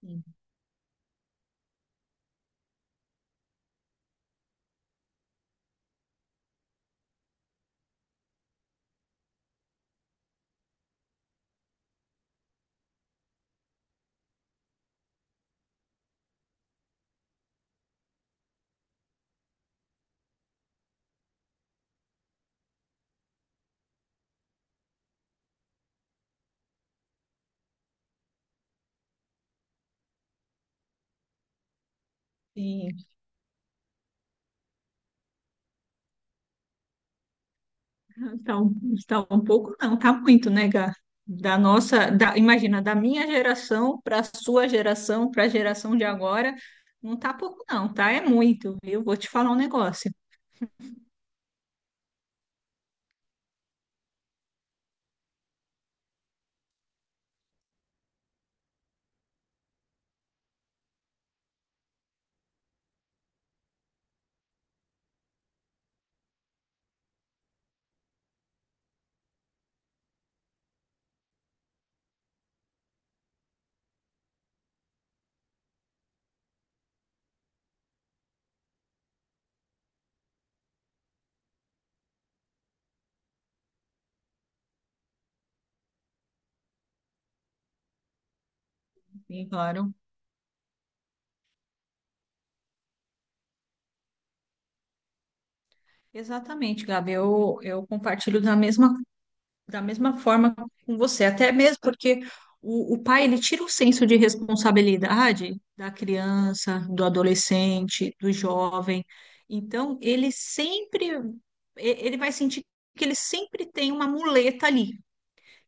Sim. Sim. Tá, um- tá um pouco, não, tá muito, né, Gá? Imagina, da minha geração para a sua geração, para a geração de agora, não tá pouco, não, tá? É muito, viu? Vou te falar um negócio. Sim, claro. Exatamente, Gabi, eu compartilho da mesma forma com você, até mesmo porque o pai ele tira o senso de responsabilidade da criança, do adolescente, do jovem. Então, ele vai sentir que ele sempre tem uma muleta ali.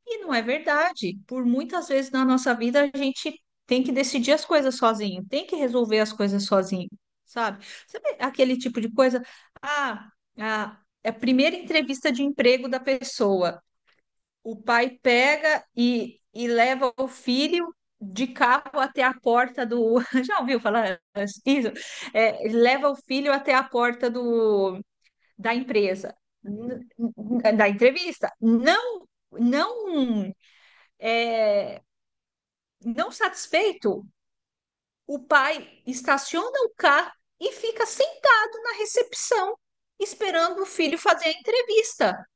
E não é verdade. Por muitas vezes na nossa vida a gente tem que decidir as coisas sozinho, tem que resolver as coisas sozinho, sabe? Sabe aquele tipo de coisa? Ah, ah, é a primeira entrevista de emprego da pessoa, o pai pega e leva o filho de carro até a porta do. Já ouviu falar isso? É, leva o filho até a porta do, da empresa, da entrevista. Não, não, é, não satisfeito, o pai estaciona o carro e fica sentado na recepção, esperando o filho fazer a entrevista.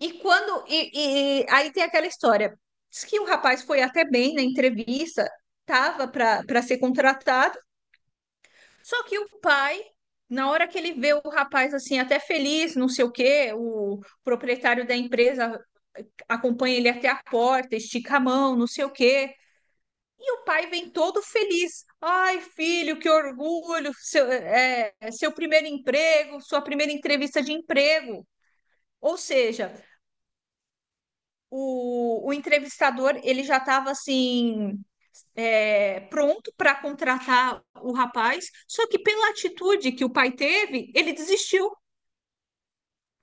E quando. Aí tem aquela história. Diz que o rapaz foi até bem na entrevista, tava para ser contratado, só que o pai, na hora que ele vê o rapaz assim, até feliz, não sei o quê, o proprietário da empresa acompanha ele até a porta, estica a mão, não sei o quê. E o pai vem todo feliz. Ai, filho, que orgulho! Seu primeiro emprego, sua primeira entrevista de emprego. Ou seja, o entrevistador ele já estava assim pronto para contratar o rapaz, só que pela atitude que o pai teve, ele desistiu.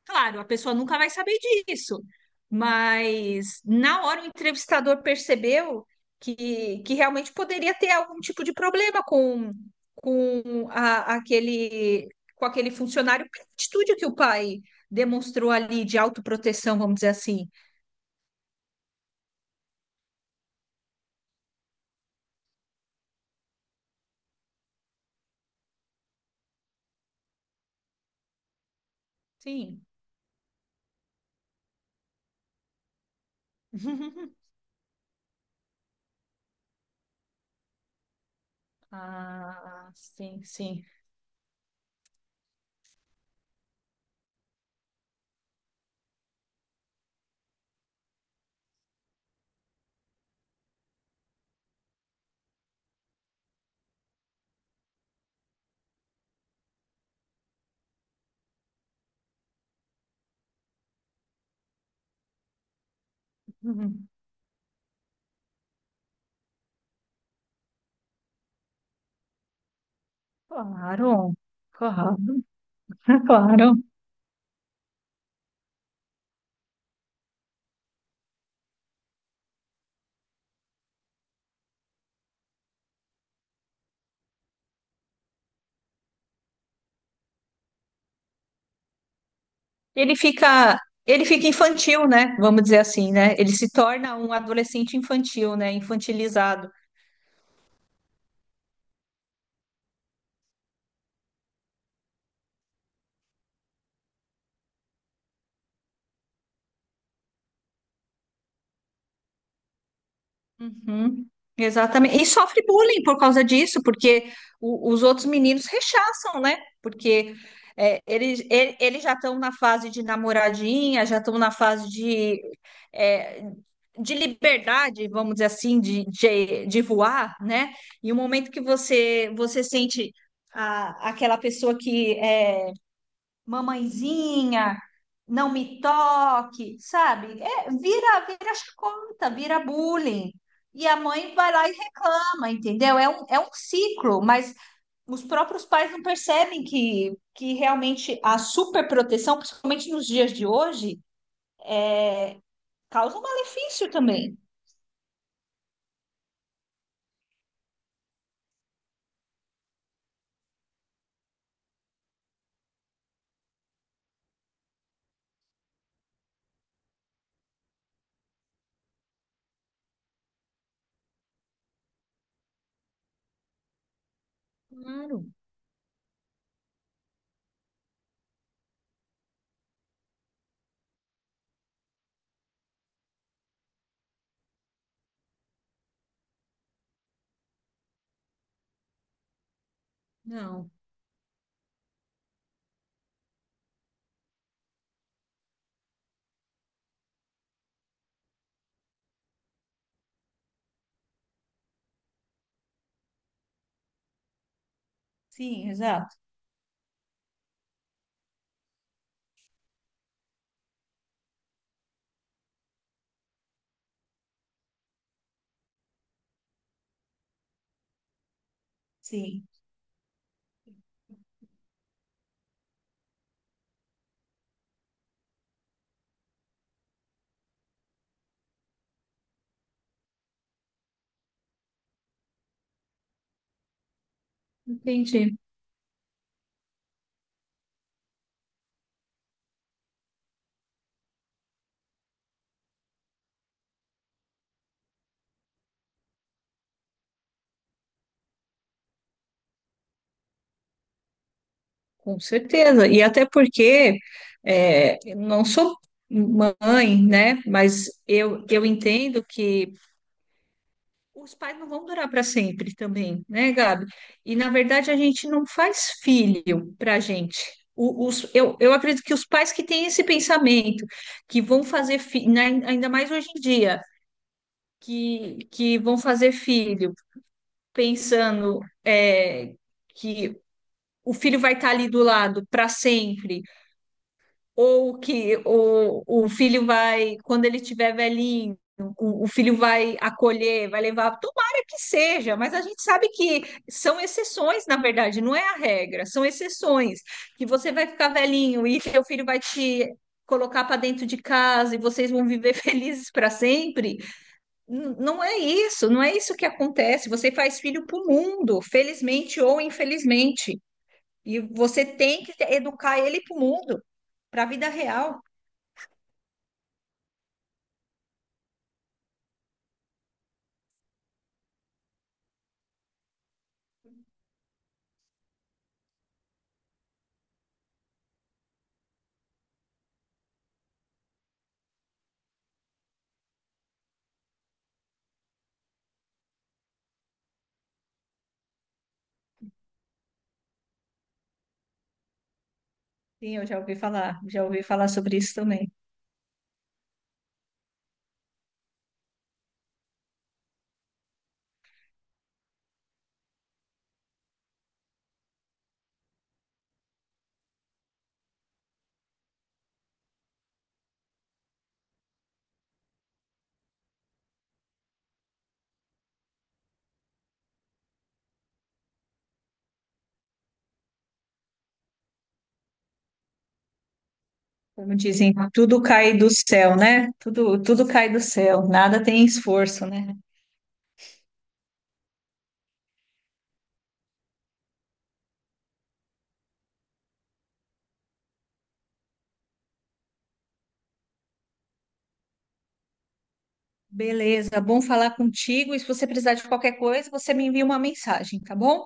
Claro, a pessoa nunca vai saber disso, mas na hora o entrevistador percebeu que realmente poderia ter algum tipo de problema com, aquele com aquele funcionário pela atitude que o pai demonstrou ali de autoproteção, vamos dizer assim. Sim. Ah, sim, sim. Uhum. Claro, claro, claro. Ele fica, ele fica infantil, né? Vamos dizer assim, né? Ele se torna um adolescente infantil, né? Infantilizado. Uhum, exatamente. E sofre bullying por causa disso, porque os outros meninos rechaçam, né? Porque é, eles já estão na fase de namoradinha, já estão na fase de, é, de liberdade, vamos dizer assim, de voar, né? E o momento que você sente aquela pessoa que é, mamãezinha, não me toque, sabe? É, vira chacota, vira bullying. E a mãe vai lá e reclama, entendeu? É um ciclo, mas os próprios pais não percebem que realmente a superproteção, principalmente nos dias de hoje, causa um malefício também. Claro, não. Sim, exato. Sim. Entendi. Com certeza. E até porque é, eu não sou mãe, né? Mas eu entendo que os pais não vão durar para sempre também, né, Gabi? E na verdade a gente não faz filho para a gente. Eu acredito que os pais que têm esse pensamento, que vão fazer filho, ainda mais hoje em dia, que vão fazer filho pensando é, que o filho vai estar ali do lado para sempre ou que o filho vai, quando ele tiver velhinho, o filho vai acolher, vai levar, tomara que seja, mas a gente sabe que são exceções, na verdade, não é a regra, são exceções, que você vai ficar velhinho e seu filho vai te colocar para dentro de casa e vocês vão viver felizes para sempre. Não é isso, não é isso que acontece. Você faz filho para o mundo, felizmente ou infelizmente, e você tem que educar ele para o mundo, para a vida real. Sim, eu já ouvi falar sobre isso também. Como dizem, tudo cai do céu, né? Tudo, tudo cai do céu, nada tem esforço, né? Beleza, bom falar contigo. E se você precisar de qualquer coisa, você me envia uma mensagem, tá bom?